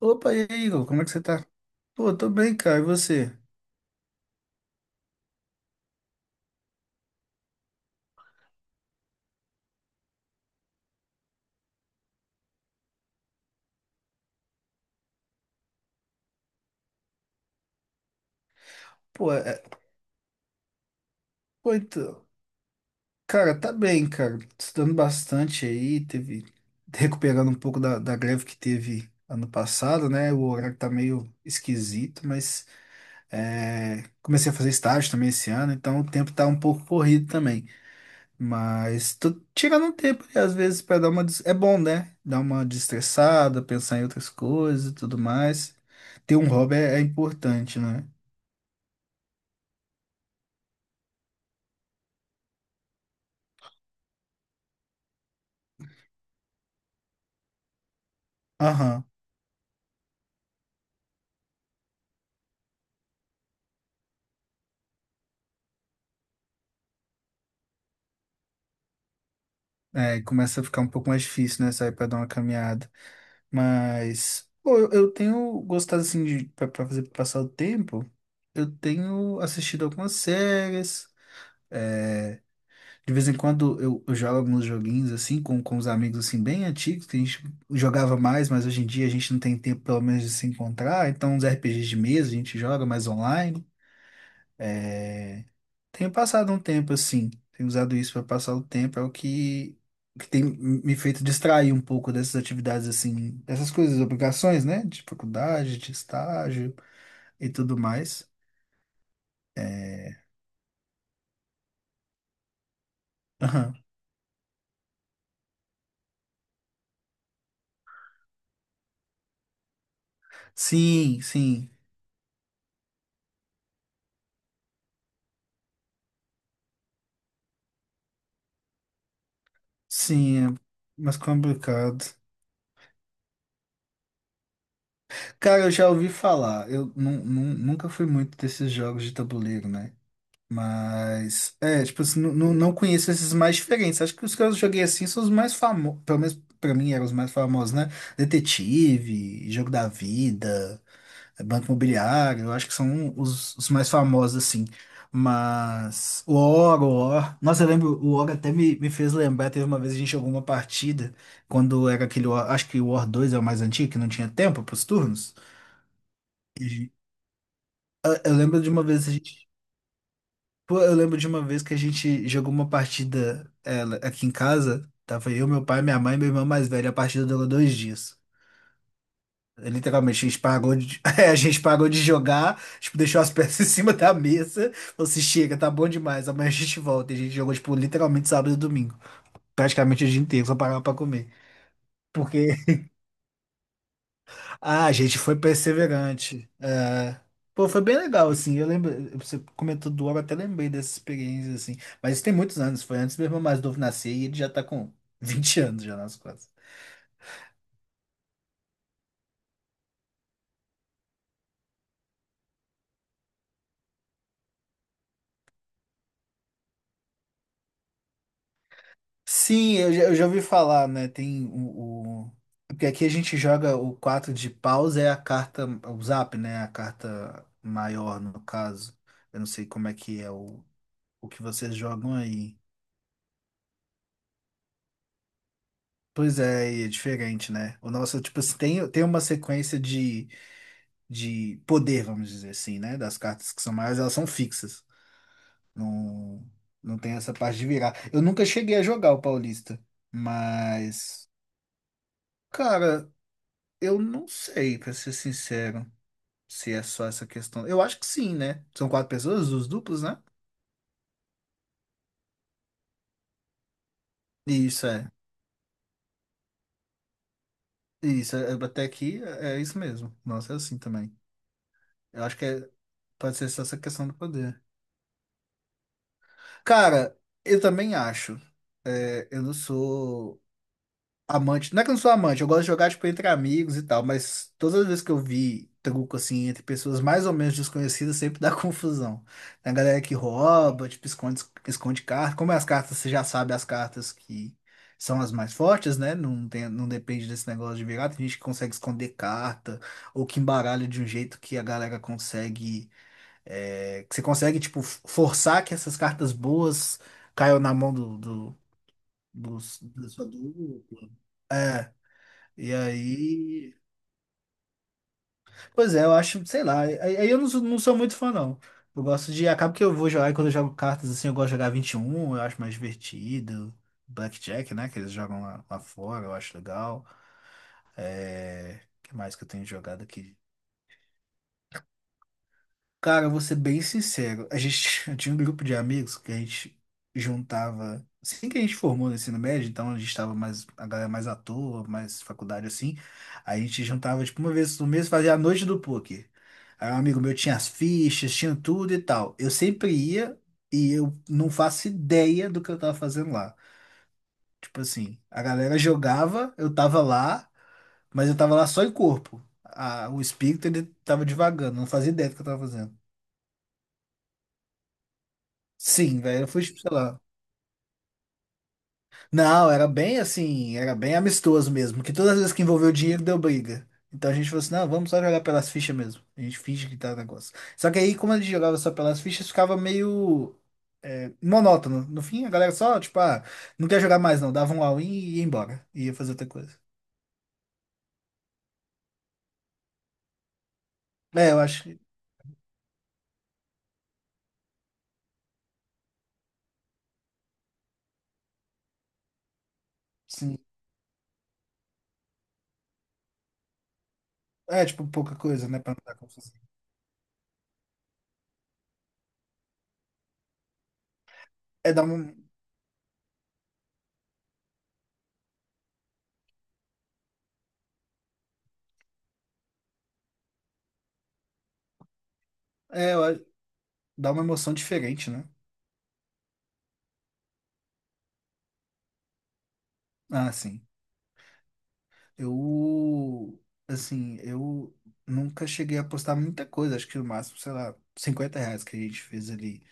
Opa, e aí, Igor, como é que você tá? Pô, eu tô bem, cara, e você? Pô, é... é, Pô, então. Cara, tá bem, cara, estudando bastante aí, Recuperando um pouco da greve que teve ano passado, né? O horário tá meio esquisito, mas comecei a fazer estágio também esse ano, então o tempo tá um pouco corrido também. Mas tô tirando um tempo, aí, às vezes, pra dar uma... des- É bom, né? Dar uma destressada, pensar em outras coisas e tudo mais. Ter um hobby é importante, né? Aham. É, começa a ficar um pouco mais difícil, né? Sair pra dar uma caminhada. Mas, pô, eu tenho gostado, assim, pra fazer pra passar o tempo. Eu tenho assistido algumas séries. De vez em quando eu jogo alguns joguinhos, assim, com os amigos, assim, bem antigos, que a gente jogava mais, mas hoje em dia a gente não tem tempo, pelo menos, de se encontrar. Então, uns RPGs de mesa a gente joga mais online. Tenho passado um tempo assim, tenho usado isso para passar o tempo, é o que tem me feito distrair um pouco dessas atividades assim, dessas coisas, obrigações, né? De faculdade, de estágio e tudo mais. É. Aham. Sim, sim, sim, é mais complicado. Cara, eu já ouvi falar, eu nunca fui muito desses jogos de tabuleiro, né? Mas, é, tipo, assim, não conheço esses mais diferentes. Acho que os que eu joguei assim são os mais famosos, pelo menos pra mim eram os mais famosos, né? Detetive, Jogo da Vida, Banco Imobiliário, eu acho que são os mais famosos, assim. Mas, o Oro, Nossa, eu lembro, o Oro até me fez lembrar, teve uma vez a gente jogou uma partida, quando era aquele, War- acho que o War 2 é o mais antigo, que não tinha tempo pros turnos. E Eu lembro de uma vez a gente Pô, eu lembro de uma vez que a gente jogou uma partida ela, aqui em casa. Tava eu, meu pai, minha mãe e meu irmão mais velho. A partida durou 2 dias. Literalmente, a gente pagou de, a gente pagou de jogar, tipo, deixou as peças em cima da mesa. Falou assim, chega, tá bom demais, amanhã a gente volta. E a gente jogou, tipo, literalmente sábado e domingo. Praticamente o dia inteiro, só parava pra comer. Porque Ah, a gente foi perseverante. É. Pô, foi bem legal, assim. Eu lembro, você comentou do Ouro, eu até lembrei dessa experiência, assim. Mas isso tem muitos anos, foi antes meu irmão mais novo nascer e ele já tá com 20 anos já nas costas. Sim, eu já ouvi falar, né? Porque aqui a gente joga o 4 de paus, é a carta, o zap, né? A carta maior, no caso. Eu não sei como é que é o que vocês jogam aí. Pois é, e é diferente, né? O nosso, tipo, assim, tem uma sequência de poder, vamos dizer assim, né? Das cartas que são maiores, elas são fixas. Não, não tem essa parte de virar. Eu nunca cheguei a jogar o Paulista, mas, cara, eu não sei, pra ser sincero, se é só essa questão. Eu acho que sim, né? São quatro pessoas, os duplos, né? Isso é. Isso, é, até aqui é isso mesmo. Nossa, é assim também. Eu acho que pode ser só essa questão do poder. Cara, eu também acho. É, eu não sou. Amante, não é que eu não sou amante, eu gosto de jogar, tipo, entre amigos e tal, mas todas as vezes que eu vi truco, assim, entre pessoas mais ou menos desconhecidas, sempre dá confusão. Tem a galera que rouba, tipo, esconde carta. Como é as cartas, você já sabe as cartas que são as mais fortes, né? Não tem, não depende desse negócio de virar. Tem gente que consegue esconder carta, ou que embaralha de um jeito que a galera consegue, é, que você consegue, tipo, forçar que essas cartas boas caiam na mão do, do, da sua dupla. E aí. Pois é, eu acho, sei lá. Aí eu não sou muito fã, não. Eu gosto de. Acaba que eu vou jogar, e quando eu jogo cartas assim, eu gosto de jogar 21 eu acho mais divertido. Blackjack, né? Que eles jogam lá fora, eu acho legal. É. O que mais que eu tenho jogado aqui? Cara, eu vou ser bem sincero. A gente eu tinha um grupo de amigos que a gente juntava. Assim que a gente formou no ensino médio, então a gente estava mais, a galera mais à toa, mais faculdade assim. A gente juntava, tipo, uma vez no mês, fazia a noite do poker. Aí um amigo meu tinha as fichas, tinha tudo e tal. Eu sempre ia e eu não faço ideia do que eu tava fazendo lá. Tipo assim, a galera jogava, eu tava lá, mas eu tava lá só em corpo. O espírito, ele tava divagando, não fazia ideia do que eu tava fazendo. Sim, velho, eu fui, tipo, sei lá. Não, era bem assim, era bem amistoso mesmo, que todas as vezes que envolveu dinheiro deu briga. Então a gente falou assim, não, vamos só jogar pelas fichas mesmo. A gente finge que tá negócio. Só que aí, como a gente jogava só pelas fichas, ficava meio monótono. No fim, a galera só, tipo, ah, não quer jogar mais não, dava um all-in e ia embora. E ia fazer outra coisa. É, eu acho que, sim. É, tipo, pouca coisa, né, pra não dar confusão. É, dá uma, é, eu acho- dá uma emoção diferente, né? Ah, sim. Eu, eu nunca cheguei a apostar muita coisa, acho que o máximo, sei lá, R$ 50 que a gente fez ali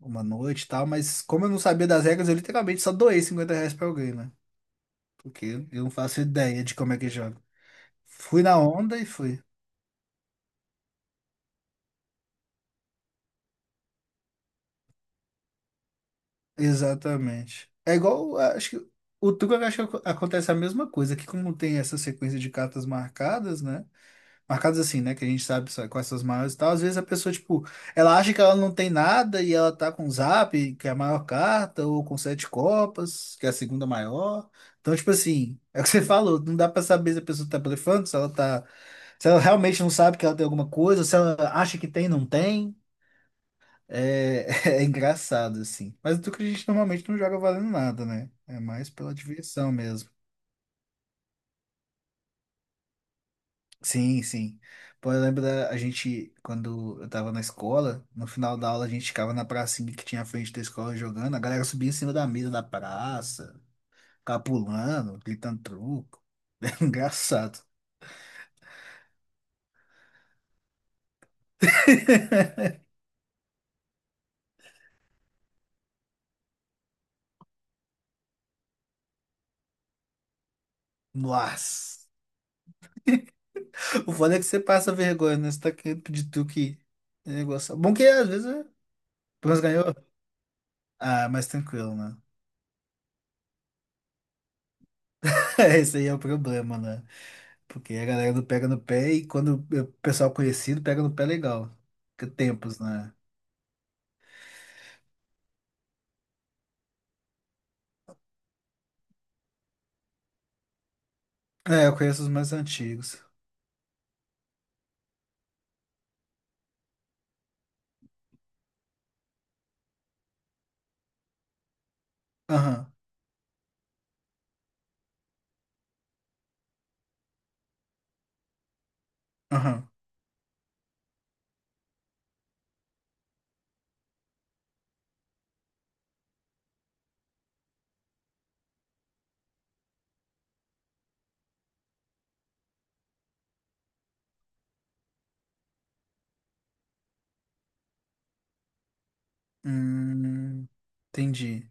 uma noite e tal, mas como eu não sabia das regras, eu literalmente só doei R$ 50 pra alguém, né? Porque eu não faço ideia de como é que joga. Fui na onda e fui. Exatamente. É igual, acho que o truco, eu acho que acontece a mesma coisa, que como tem essa sequência de cartas marcadas, né? Marcadas assim, né? Que a gente sabe só quais são as maiores e tal. Às vezes a pessoa, tipo, ela acha que ela não tem nada e ela tá com o Zap, que é a maior carta, ou com sete copas, que é a segunda maior. Então, tipo assim, é o que você falou, não dá pra saber se a pessoa tá blefando, se ela tá. Se ela realmente não sabe que ela tem alguma coisa, ou se ela acha que tem, não tem. É, é engraçado, assim. Mas o truque a gente normalmente não joga valendo nada, né? É mais pela diversão mesmo. Sim, sim. Pô, eu lembro da a gente, quando eu tava na escola, no final da aula a gente ficava na pracinha que tinha à frente da escola jogando, a galera subia em cima da mesa da praça, ficava pulando, gritando truco. Era engraçado. Nossa. O foda é que você passa vergonha, né? Você tá querendo pedir truco e é um negócio. Bom que às vezes é. Pelo menos ganhou. Ah, mais tranquilo, né? Esse aí é o problema, né? Porque a galera não pega no pé e quando o pessoal conhecido pega no pé legal. Que tempos, né? É, eu conheço os mais antigos. Aham, aham. Hum, entendi.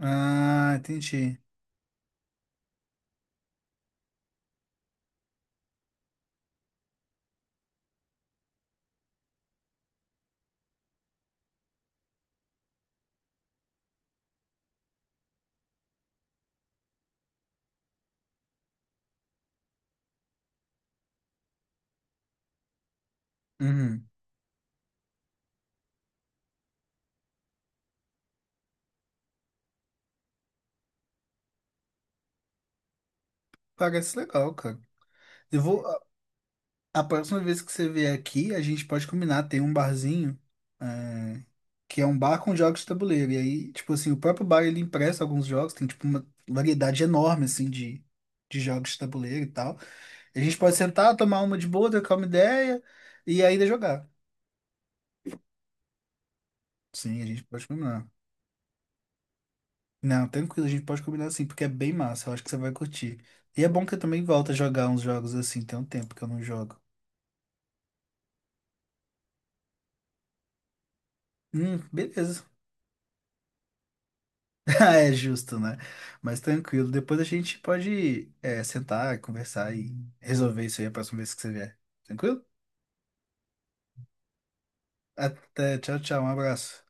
Ah, entendi. Uhum. Parece legal, cara. Eu vou. A próxima vez que você vier aqui, a gente pode combinar. Tem um barzinho, é, que é um bar com jogos de tabuleiro. E aí, tipo assim, o próprio bar ele empresta alguns jogos. Tem, tipo, uma variedade enorme, assim, de jogos de tabuleiro e tal. E a gente pode sentar, tomar uma de boa, trocar uma ideia e ainda jogar. Sim, a gente pode combinar. Não, tranquilo, a gente pode combinar assim, porque é bem massa, eu acho que você vai curtir. E é bom que eu também volto a jogar uns jogos assim, tem um tempo que eu não jogo. Beleza. Ah, é justo, né? Mas tranquilo, depois a gente pode sentar, conversar e resolver isso aí a próxima vez que você vier. Tranquilo? Até, tchau, tchau, um abraço.